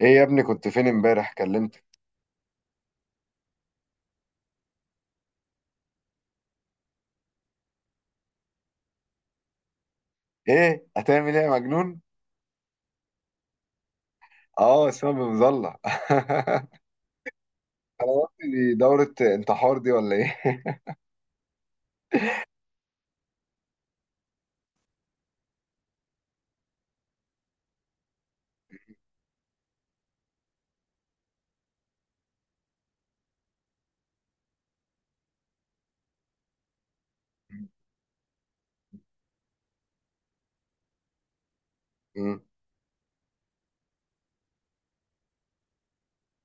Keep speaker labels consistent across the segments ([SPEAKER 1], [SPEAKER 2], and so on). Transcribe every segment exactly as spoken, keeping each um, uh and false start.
[SPEAKER 1] ايه يا ابني كنت فين امبارح كلمتك؟ ايه هتعمل ايه يا مجنون؟ اه اسمها بمظلة انا قلت دي دورة انتحار دي ولا ايه؟ مم.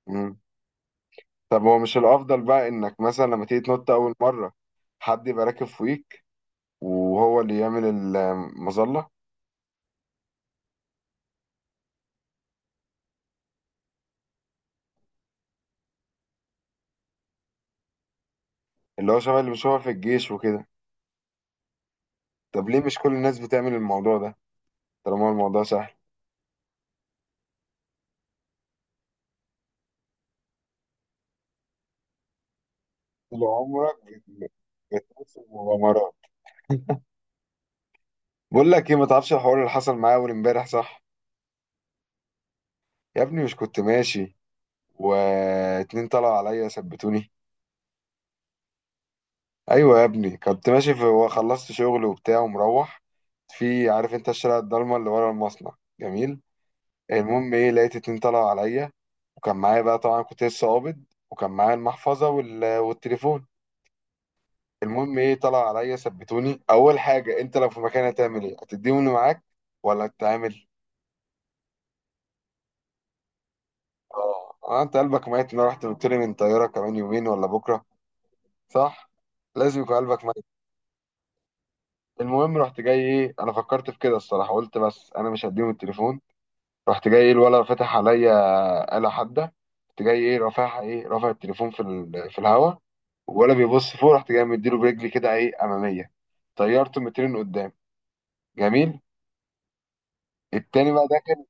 [SPEAKER 1] مم. طب هو مش الافضل بقى انك مثلا لما تيجي تنط اول مرة حد يبقى راكب فوقيك وهو اللي يعمل المظلة؟ اللي هو شبه اللي بنشوفها في الجيش وكده. طب ليه مش كل الناس بتعمل الموضوع ده طالما الموضوع سهل؟ طول عمرك بت- بتنط في مغامرات بقول لك ايه، ما تعرفش الحوار اللي حصل معايا اول امبارح؟ صح، يا ابني مش كنت ماشي واتنين طلعوا عليا ثبتوني. ايوه يا ابني، كنت ماشي في وخلصت شغل وبتاع ومروح، في عارف انت الشارع الضلمه اللي ورا المصنع. جميل. المهم ايه، لقيت اتنين طلعوا عليا، وكان معايا بقى طبعا كنت لسه قابض، وكان معايا المحفظه وال... والتليفون. المهم ايه، طلعوا عليا ثبتوني اول حاجه، انت لو في مكاني هتعمل ايه؟ هتديهم اللي معاك ولا هتتعامل؟ اه، آه، انت قلبك ميت؟ ان انا رحت قلت لي من طياره كمان يومين ولا بكره، صح لازم يكون قلبك ميت. المهم رحت جاي ايه، انا فكرت في كده الصراحه، قلت بس انا مش هديهم التليفون. رحت جاي ايه، الولا فاتح عليا آلة حادة. رحت جاي ايه رافعها، ايه، رافع التليفون في ال... في الهوا، ولا بيبص فوق، رحت جاي مديله برجلي كده ايه، اماميه، طيرته مترين قدام. جميل. التاني بقى داخل،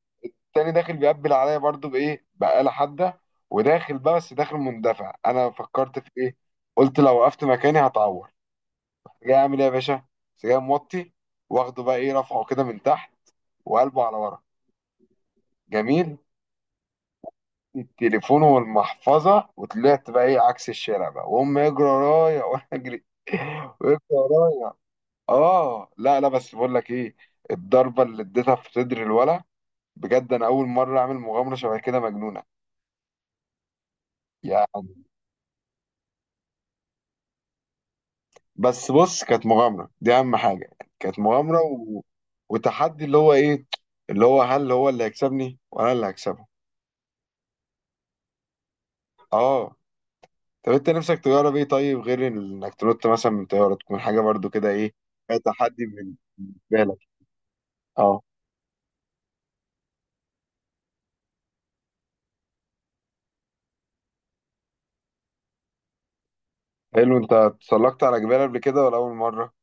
[SPEAKER 1] التاني داخل بيقبل عليا برضو بايه، بآلة حادة. وداخل بقى، بس داخل مندفع، انا فكرت في ايه، قلت لو وقفت مكاني هتعور. جاي اعمل ايه يا باشا، بس جاي موطي، واخده بقى ايه، رافعه كده من تحت وقلبه على ورا. جميل. التليفون والمحفظه، وطلعت بقى ايه، عكس الشارع بقى، وهم يجروا ورايا وانا اجري. ويجروا ورايا. اه لا لا، بس بقول لك ايه، الضربه اللي اديتها في صدر الولا، بجد انا اول مره اعمل مغامره شبه كده مجنونه. يعني بس بص، كانت مغامره دي اهم حاجه. كانت مغامره و... وتحدي، اللي هو ايه، اللي هو هل هو اللي هيكسبني ولا أنا اللي هكسبه. اه. طب انت نفسك تجرب ايه طيب غير انك تنط مثلا من طياره؟ تكون حاجه برضو كده ايه، فيها تحدي بالنسبه لك. اه حلو. انت اتسلقت على جبال قبل كده ولا اول مره؟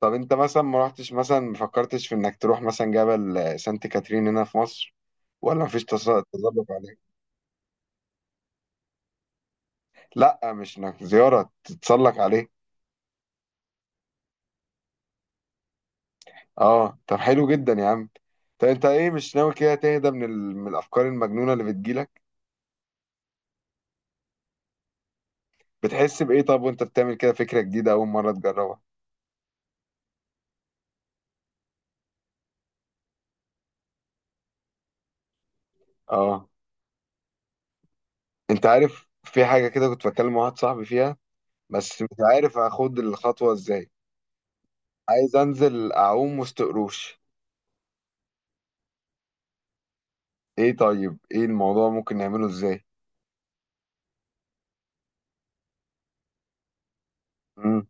[SPEAKER 1] طب انت مثلا ما رحتش، مثلا ما فكرتش في انك تروح مثلا جبل آه، سانت كاترين هنا في مصر؟ ولا مفيش تص- تسلق عليه؟ لا، مش انك زياره، تتسلق عليه. اه طب حلو جدا يا عم. طب انت ايه، مش ناوي كده تهدى من، ال... من الافكار المجنونه اللي بتجيلك؟ بتحس بايه طب وانت بتعمل كده فكره جديده اول مره تجربها؟ اه. انت عارف في حاجة كده كنت بتكلم مع واحد صاحبي فيها، بس مش عارف اخد الخطوة ازاي. عايز انزل اعوم وسط قروش. ايه طيب، ايه الموضوع ممكن نعمله ازاي؟ امم.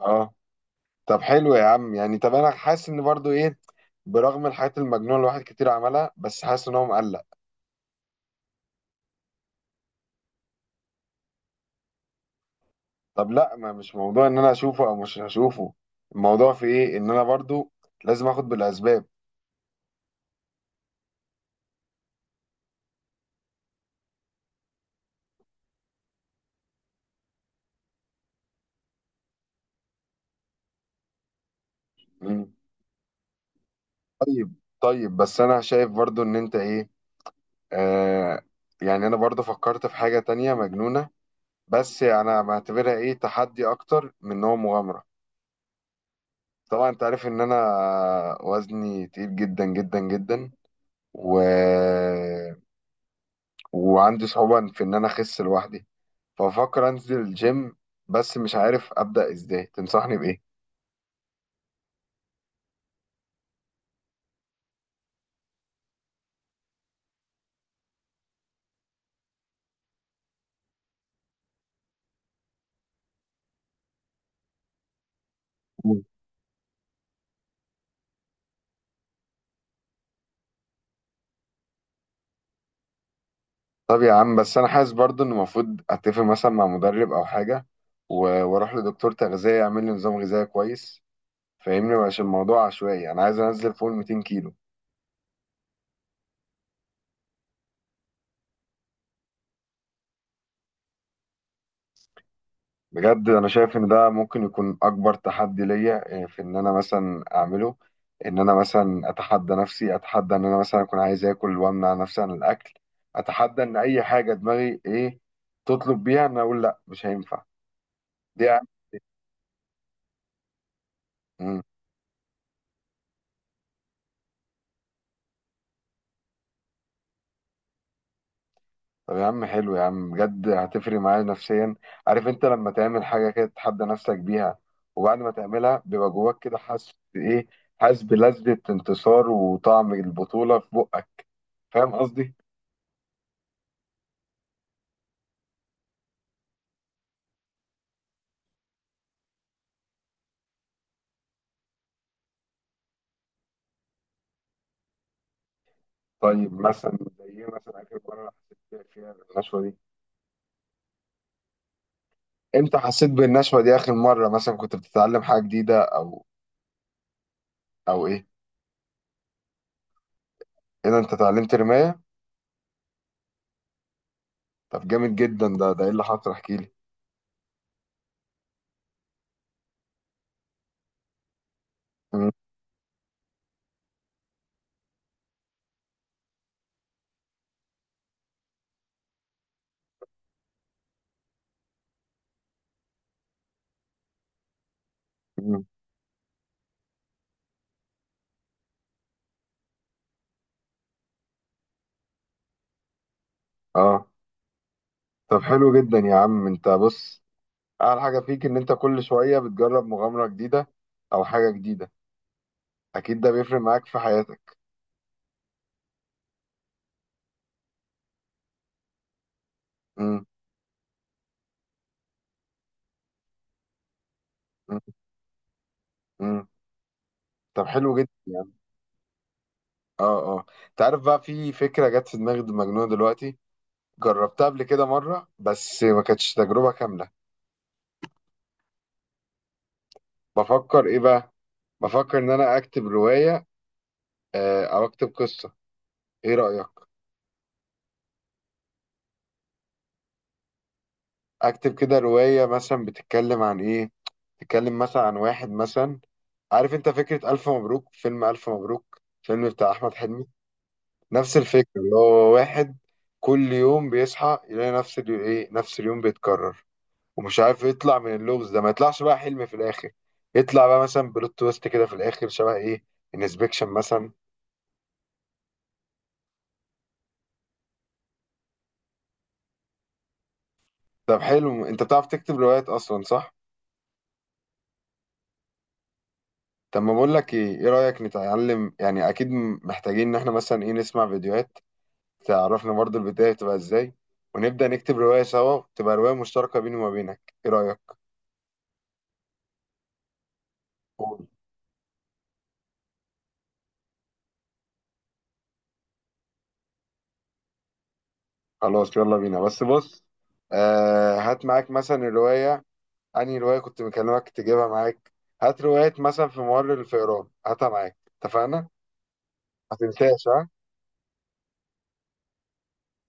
[SPEAKER 1] اه طب حلو يا عم. يعني طب انا حاسس ان برضو ايه، برغم الحاجات المجنونة اللي الواحد كتير عملها، بس حاسس ان هو مقلق. طب لا، ما مش موضوع ان انا اشوفه او مش هشوفه، الموضوع في ايه ان انا برضو لازم اخد بالاسباب. امم. طيب. طيب بس انا شايف برضو ان انت ايه، آه، يعني انا برضه فكرت في حاجة تانية مجنونة، بس انا بعتبرها ايه، تحدي اكتر من ان هو مغامرة. طبعا انت عارف ان انا وزني تقيل جدا جدا جدا، و... وعندي صعوبة في ان انا اخس لوحدي. ففكر انزل الجيم، بس مش عارف ابدأ ازاي، تنصحني بايه؟ مم. طب يا عم بس انا حاسس برضه ان المفروض اتفق مثلا مع مدرب او حاجة، و... واروح لدكتور تغذية يعمل لي نظام غذائي كويس. فاهمني، مش الموضوع عشوائي، انا عايز انزل فوق ال ميتين كيلو. بجد انا شايف ان ده ممكن يكون اكبر تحدي ليا، آه، في ان انا مثلا اعمله، ان انا مثلا اتحدى نفسي، اتحدى ان انا مثلا اكون عايز اكل وامنع نفسي عن الاكل، اتحدى ان اي حاجه دماغي ايه تطلب بيها ان أنا اقول لا مش هينفع دي. طب يا عم حلو يا عم، بجد هتفرق معايا نفسيا. عارف انت لما تعمل حاجه كده تتحدى نفسك بيها، وبعد ما تعملها بيبقى جواك كده حاسس ايه، حاسس بلذة انتصار وطعم البطوله في بقك، فاهم قصدي؟ طيب مثلا زي ايه، مثلا اخر مره حسيت فيها بالنشوه دي؟ امتى حسيت بالنشوه دي اخر مره؟ مثلا كنت بتتعلم حاجه جديده او او ايه؟ اذا انت اتعلمت رمايه؟ طب جامد جدا ده، ده ايه اللي حصل، احكي لي. م- م- اه طب حلو جدا يا عم. انت بص، اعلى حاجه فيك ان انت كل شويه بتجرب مغامره جديده او حاجه جديده، اكيد ده بيفرق معاك في حياتك. امم امم إمم. طب حلو جدا يعني. اه اه، انت عارف بقى في فكره جت في دماغي مجنونه دلوقتي، جربتها قبل كده مره بس ما كانتش تجربه كامله. بفكر ايه بقى، بفكر ان انا اكتب روايه، آه، او اكتب قصه، ايه رايك؟ اكتب كده روايه مثلا بتتكلم عن ايه، تتكلم مثلا عن واحد مثلا. عارف انت فكره الف مبروك، فيلم الف مبروك فيلم بتاع احمد حلمي؟ نفس الفكرة، اللي هو واحد كل يوم بيصحى يلاقي نفس اليو... ايه، نفس اليوم بيتكرر، ومش عارف يطلع من اللغز ده، ما يطلعش بقى حلم في الآخر، يطلع بقى مثلا بلوت تويست كده في الآخر شبه ايه، انسبكشن مثلا. طب حلو. انت بتعرف تكتب روايات اصلا صح؟ طب ما بقول لك ايه، ايه رأيك نتعلم؟ يعني اكيد م- محتاجين ان احنا مثلا ايه، نسمع فيديوهات تعرفنا برضو البداية بتبقى ازاي، ونبدأ نكتب رواية سوا، تبقى رواية مشتركة بيني وما بينك، ايه رأيك؟ خلاص يلا بينا، بس بص آه، هات معاك مثلا الرواية. أنهي رواية كنت مكلمك تجيبها معاك؟ هات رواية مثلا في ممر الفئران، هاتها معاك، اتفقنا؟ ما تنساش ها.